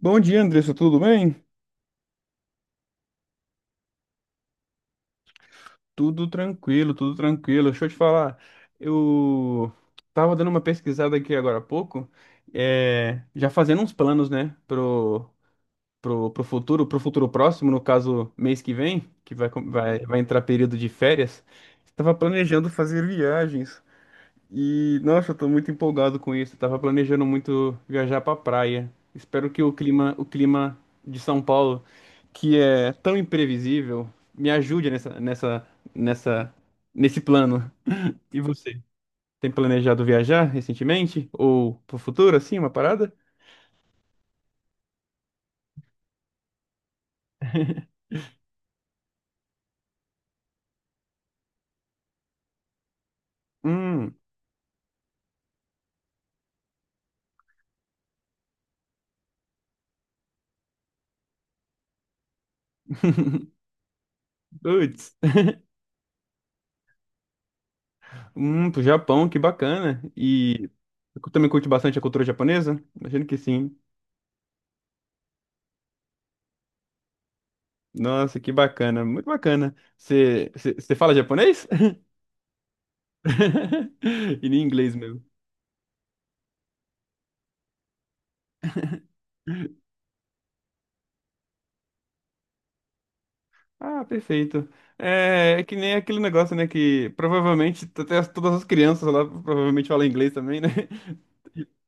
Bom dia, Andressa, tudo bem? Tudo tranquilo, tudo tranquilo. Deixa eu te falar, eu tava dando uma pesquisada aqui agora há pouco, já fazendo uns planos, né, pro futuro, pro futuro próximo, no caso, mês que vem, que vai entrar período de férias. Estava planejando fazer viagens. E, nossa, eu tô muito empolgado com isso. Eu tava planejando muito viajar pra praia. Espero que o clima de São Paulo, que é tão imprevisível, me ajude nessa, nessa, nessa, nesse plano. E você? Tem planejado viajar recentemente? Ou pro futuro, assim, uma parada? Hum, putz. Pro Japão, que bacana. E eu também curte bastante a cultura japonesa? Imagino que sim. Nossa, que bacana, muito bacana. Você você fala japonês? E nem inglês mesmo. Ah, perfeito. É que nem aquele negócio, né? Que provavelmente até todas as crianças lá provavelmente falam inglês também, né?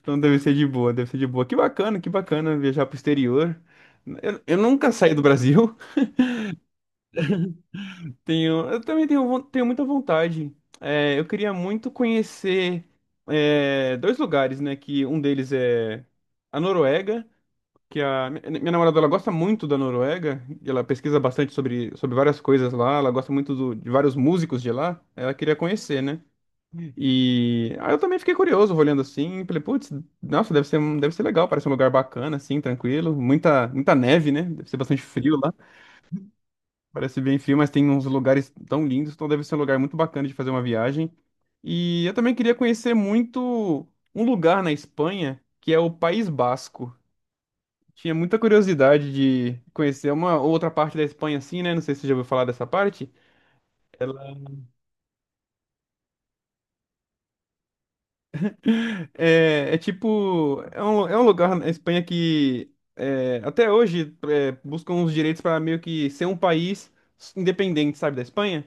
Então deve ser de boa, deve ser de boa. Que bacana viajar pro exterior. Eu nunca saí do Brasil. Eu também tenho, tenho muita vontade. Eu queria muito conhecer dois lugares, né? Que um deles é a Noruega, que a minha namorada, ela gosta muito da Noruega, e ela pesquisa bastante sobre várias coisas lá, ela gosta muito de vários músicos de lá, ela queria conhecer, né? E aí eu também fiquei curioso, olhando assim, falei, putz, nossa, deve ser legal, parece um lugar bacana, assim, tranquilo, muita neve, né? Deve ser bastante frio lá, parece bem frio, mas tem uns lugares tão lindos, então deve ser um lugar muito bacana de fazer uma viagem. E eu também queria conhecer muito um lugar na Espanha, que é o País Basco. Tinha muita curiosidade de conhecer uma outra parte da Espanha, assim, né? Não sei se você já ouviu falar dessa parte. Ela é tipo. É um lugar na Espanha que é, até hoje é, buscam os direitos para meio que ser um país independente, sabe, da Espanha.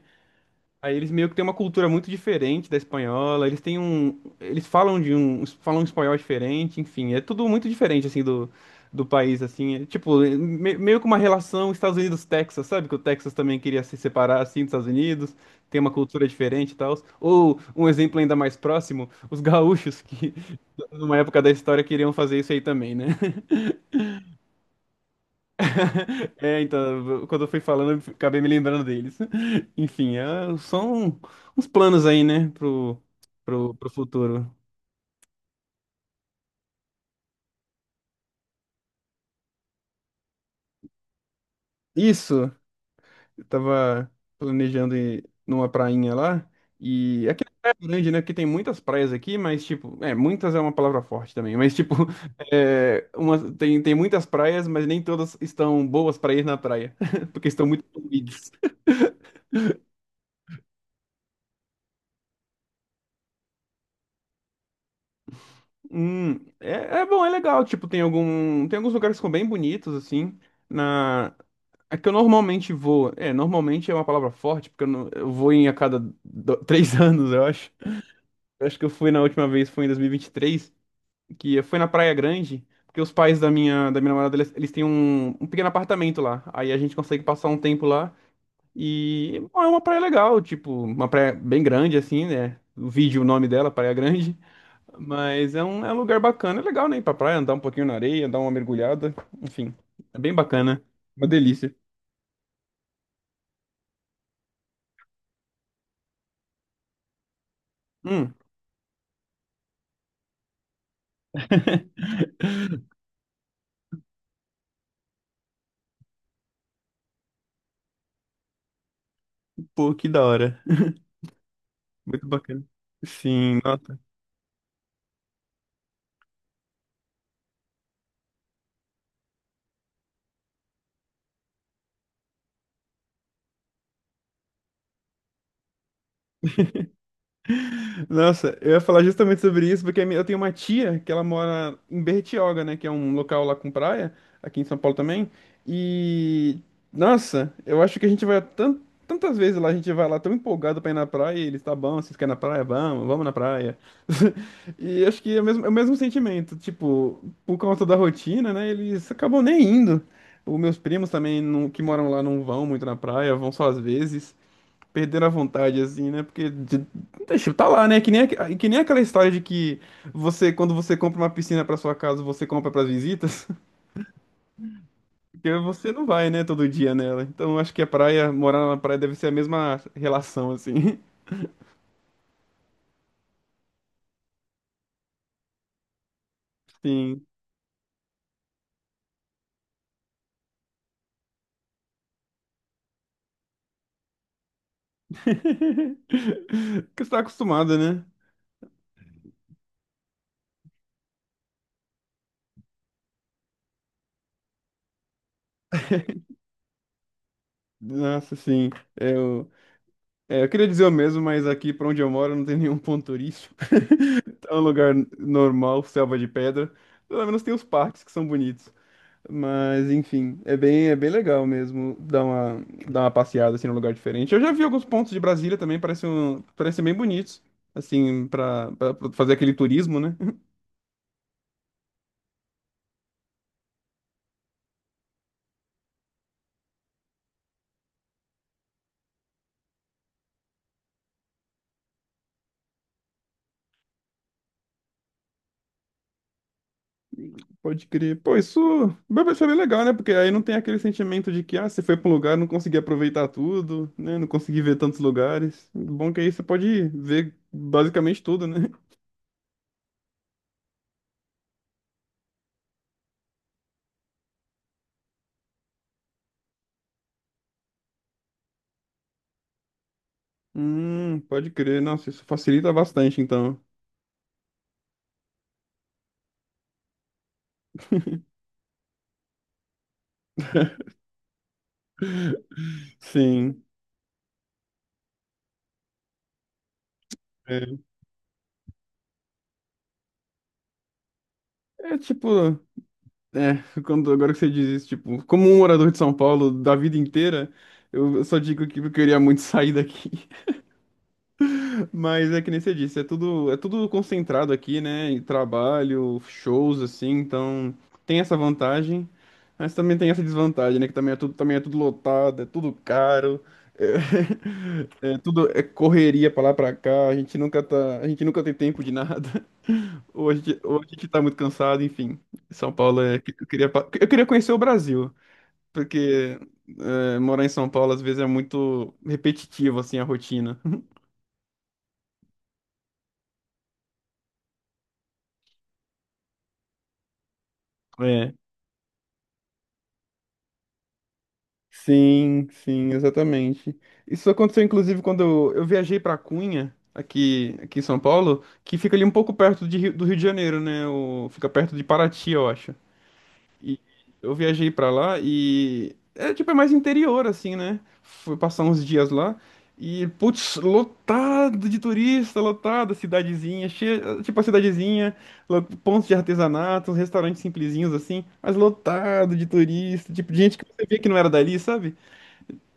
Aí eles meio que têm uma cultura muito diferente da espanhola, eles têm um, eles falam de um, falam um espanhol diferente, enfim, é tudo muito diferente assim do país assim, tipo, é meio que uma relação Estados Unidos-Texas, sabe? Que o Texas também queria se separar assim dos Estados Unidos, tem uma cultura diferente e tal. Ou um exemplo ainda mais próximo, os gaúchos que numa época da história queriam fazer isso aí também, né? Então, quando eu fui falando, eu acabei me lembrando deles. Enfim, são uns planos aí, né, pro futuro. Isso, eu tava planejando ir numa prainha lá, e aqui é grande, né, que tem muitas praias aqui, mas, tipo, muitas é uma palavra forte também, mas, tipo, tem muitas praias, mas nem todas estão boas pra ir na praia, porque estão muito poluídas. Hum, é bom, é legal. Tipo, tem alguns lugares que são bem bonitos, assim. Na, É que eu normalmente vou. Normalmente é uma palavra forte, porque eu, não- eu vou em a cada três anos, eu acho. Eu acho que eu fui na última vez, foi em 2023, que foi na Praia Grande, porque os pais da minha namorada, eles têm um pequeno apartamento lá. Aí a gente consegue passar um tempo lá. E bom, é uma praia legal, tipo, uma praia bem grande, assim, né? O nome dela, Praia Grande. Mas é um lugar bacana, é legal, né? Ir pra praia, andar um pouquinho na areia, dar uma mergulhada. Enfim, é bem bacana. Uma delícia. Hum. Pô, que da hora. Muito bacana. Sim, nossa. Nossa, eu ia falar justamente sobre isso, porque a eu tenho uma tia que ela mora em Bertioga, né? Que é um local lá com praia, aqui em São Paulo também. E, nossa, eu acho que a gente vai tantas vezes lá, a gente vai lá tão empolgado pra ir na praia, e eles, tá bom, vocês querem ir na praia? Vamos, vamos na praia. E acho que é o mesmo sentimento, tipo, por conta da rotina, né? Eles acabam nem indo. Os meus primos também, que moram lá, não vão muito na praia, vão só às vezes. Perderam a vontade, assim, né? Porque, deixa, tá lá, né? Que nem aquela história de que você, quando você compra uma piscina pra sua casa, você compra pras visitas, porque você não vai, né, todo dia nela. Então, acho que morar na praia deve ser a mesma relação, assim. Sim. Porque você tá acostumada, né? Nossa, sim. É, Eu, eu queria dizer o mesmo, mas aqui pra onde eu moro não tem nenhum ponto turístico. É um lugar normal, selva de pedra. Pelo menos tem os parques que são bonitos. Mas, enfim, é bem legal mesmo dar uma passeada assim num lugar diferente. Eu já vi alguns pontos de Brasília também, parecem bem bonitos, assim, pra fazer aquele turismo, né? Pode crer. Pô, isso vai ser bem legal, né? Porque aí não tem aquele sentimento de que, ah, você foi pra um lugar, não consegui aproveitar tudo, né? Não consegui ver tantos lugares. Bom é que aí você pode ver basicamente tudo, né? Pode crer. Nossa, isso facilita bastante, então. Sim. É, é tipo. É, agora que você diz isso, tipo, como um morador de São Paulo da vida inteira, eu só digo que eu queria muito sair daqui. Mas é que nem você disse, é tudo concentrado aqui, né? E trabalho, shows, assim, então tem essa vantagem, mas também tem essa desvantagem, né? Que também é tudo lotado, é tudo caro, é tudo é correria pra lá pra cá, a gente nunca tem tempo de nada, ou a gente tá muito cansado, enfim. São Paulo é. Eu queria conhecer o Brasil porque morar em São Paulo às vezes é muito repetitivo, assim, a rotina. É. Sim, sim, exatamente. Isso aconteceu inclusive quando eu viajei para Cunha, aqui, em São Paulo, que fica ali um pouco perto de do Rio de Janeiro, né? Fica perto de Paraty, eu acho. E eu viajei pra lá e é tipo é mais interior assim, né? Fui passar uns dias lá e putz, lotado de turista, lotado, cidadezinha, cheia, tipo a cidadezinha, pontos de artesanato, uns restaurantes simplesinhos assim, mas lotado de turista, tipo de gente que você via que não era dali, sabe?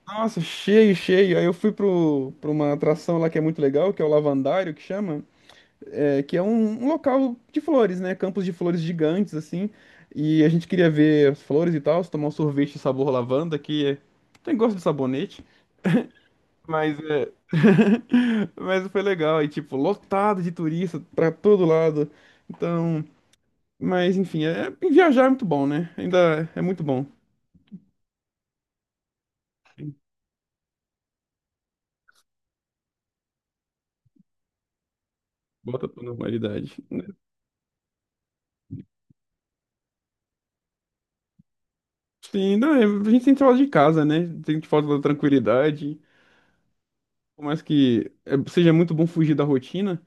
Nossa, cheio, cheio. Aí eu fui pra uma atração lá que é muito legal, que é o Lavandário que chama, que é um local de flores, né? Campos de flores gigantes, assim. E a gente queria ver as flores e tal, tomar um sorvete sabor lavanda, tem gosto de sabonete, mas é. Mas foi legal, e tipo, lotado de turista pra todo lado. Então, mas enfim, viajar é muito bom, né? Ainda é muito bom. Volta pra normalidade. Sim, não, a gente sente falta de casa, né? Sente falta da tranquilidade. Por mais que seja muito bom fugir da rotina.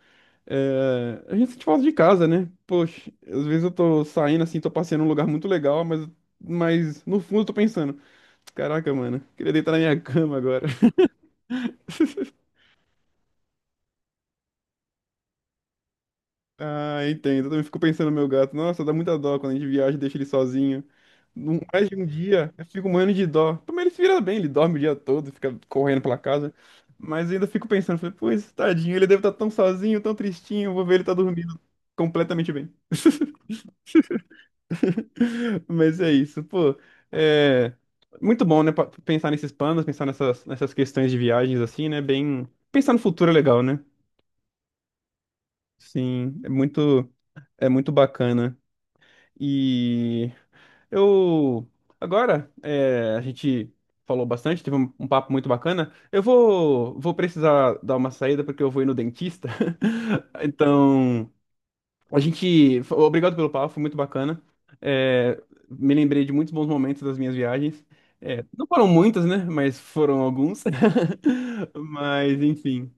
A gente sente falta de casa, né? Poxa, às vezes eu tô saindo assim, tô passeando num lugar muito legal, mas no fundo eu tô pensando, caraca, mano, queria deitar na minha cama agora. Ah, entendo. Eu também fico pensando no meu gato. Nossa, dá muita dó quando a gente viaja e deixa ele sozinho. Mais de um dia, eu fico morrendo de dó. Também ele se vira bem, ele dorme o dia todo, fica correndo pela casa. Mas ainda fico pensando, falei, pô, esse tadinho, ele deve estar tão sozinho, tão tristinho, vou ver ele tá dormindo completamente bem. Mas é isso, pô. É muito bom, né? Pensar nesses planos, pensar nessas questões de viagens, assim, né? Bem. Pensar no futuro é legal, né? Sim, é muito bacana. E eu. Agora, a gente falou bastante, teve um papo muito bacana. Eu vou precisar dar uma saída porque eu vou ir no dentista. Então. A gente. Obrigado pelo papo, foi muito bacana. É, Me lembrei de muitos bons momentos das minhas viagens. Não foram muitas, né? Mas foram alguns. Mas, enfim.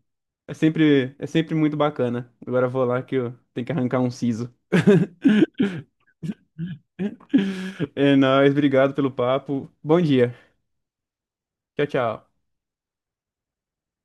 É sempre muito bacana. Agora eu vou lá que eu tenho que arrancar um siso. É nóis, obrigado pelo papo. Bom dia. Tchau, tchau.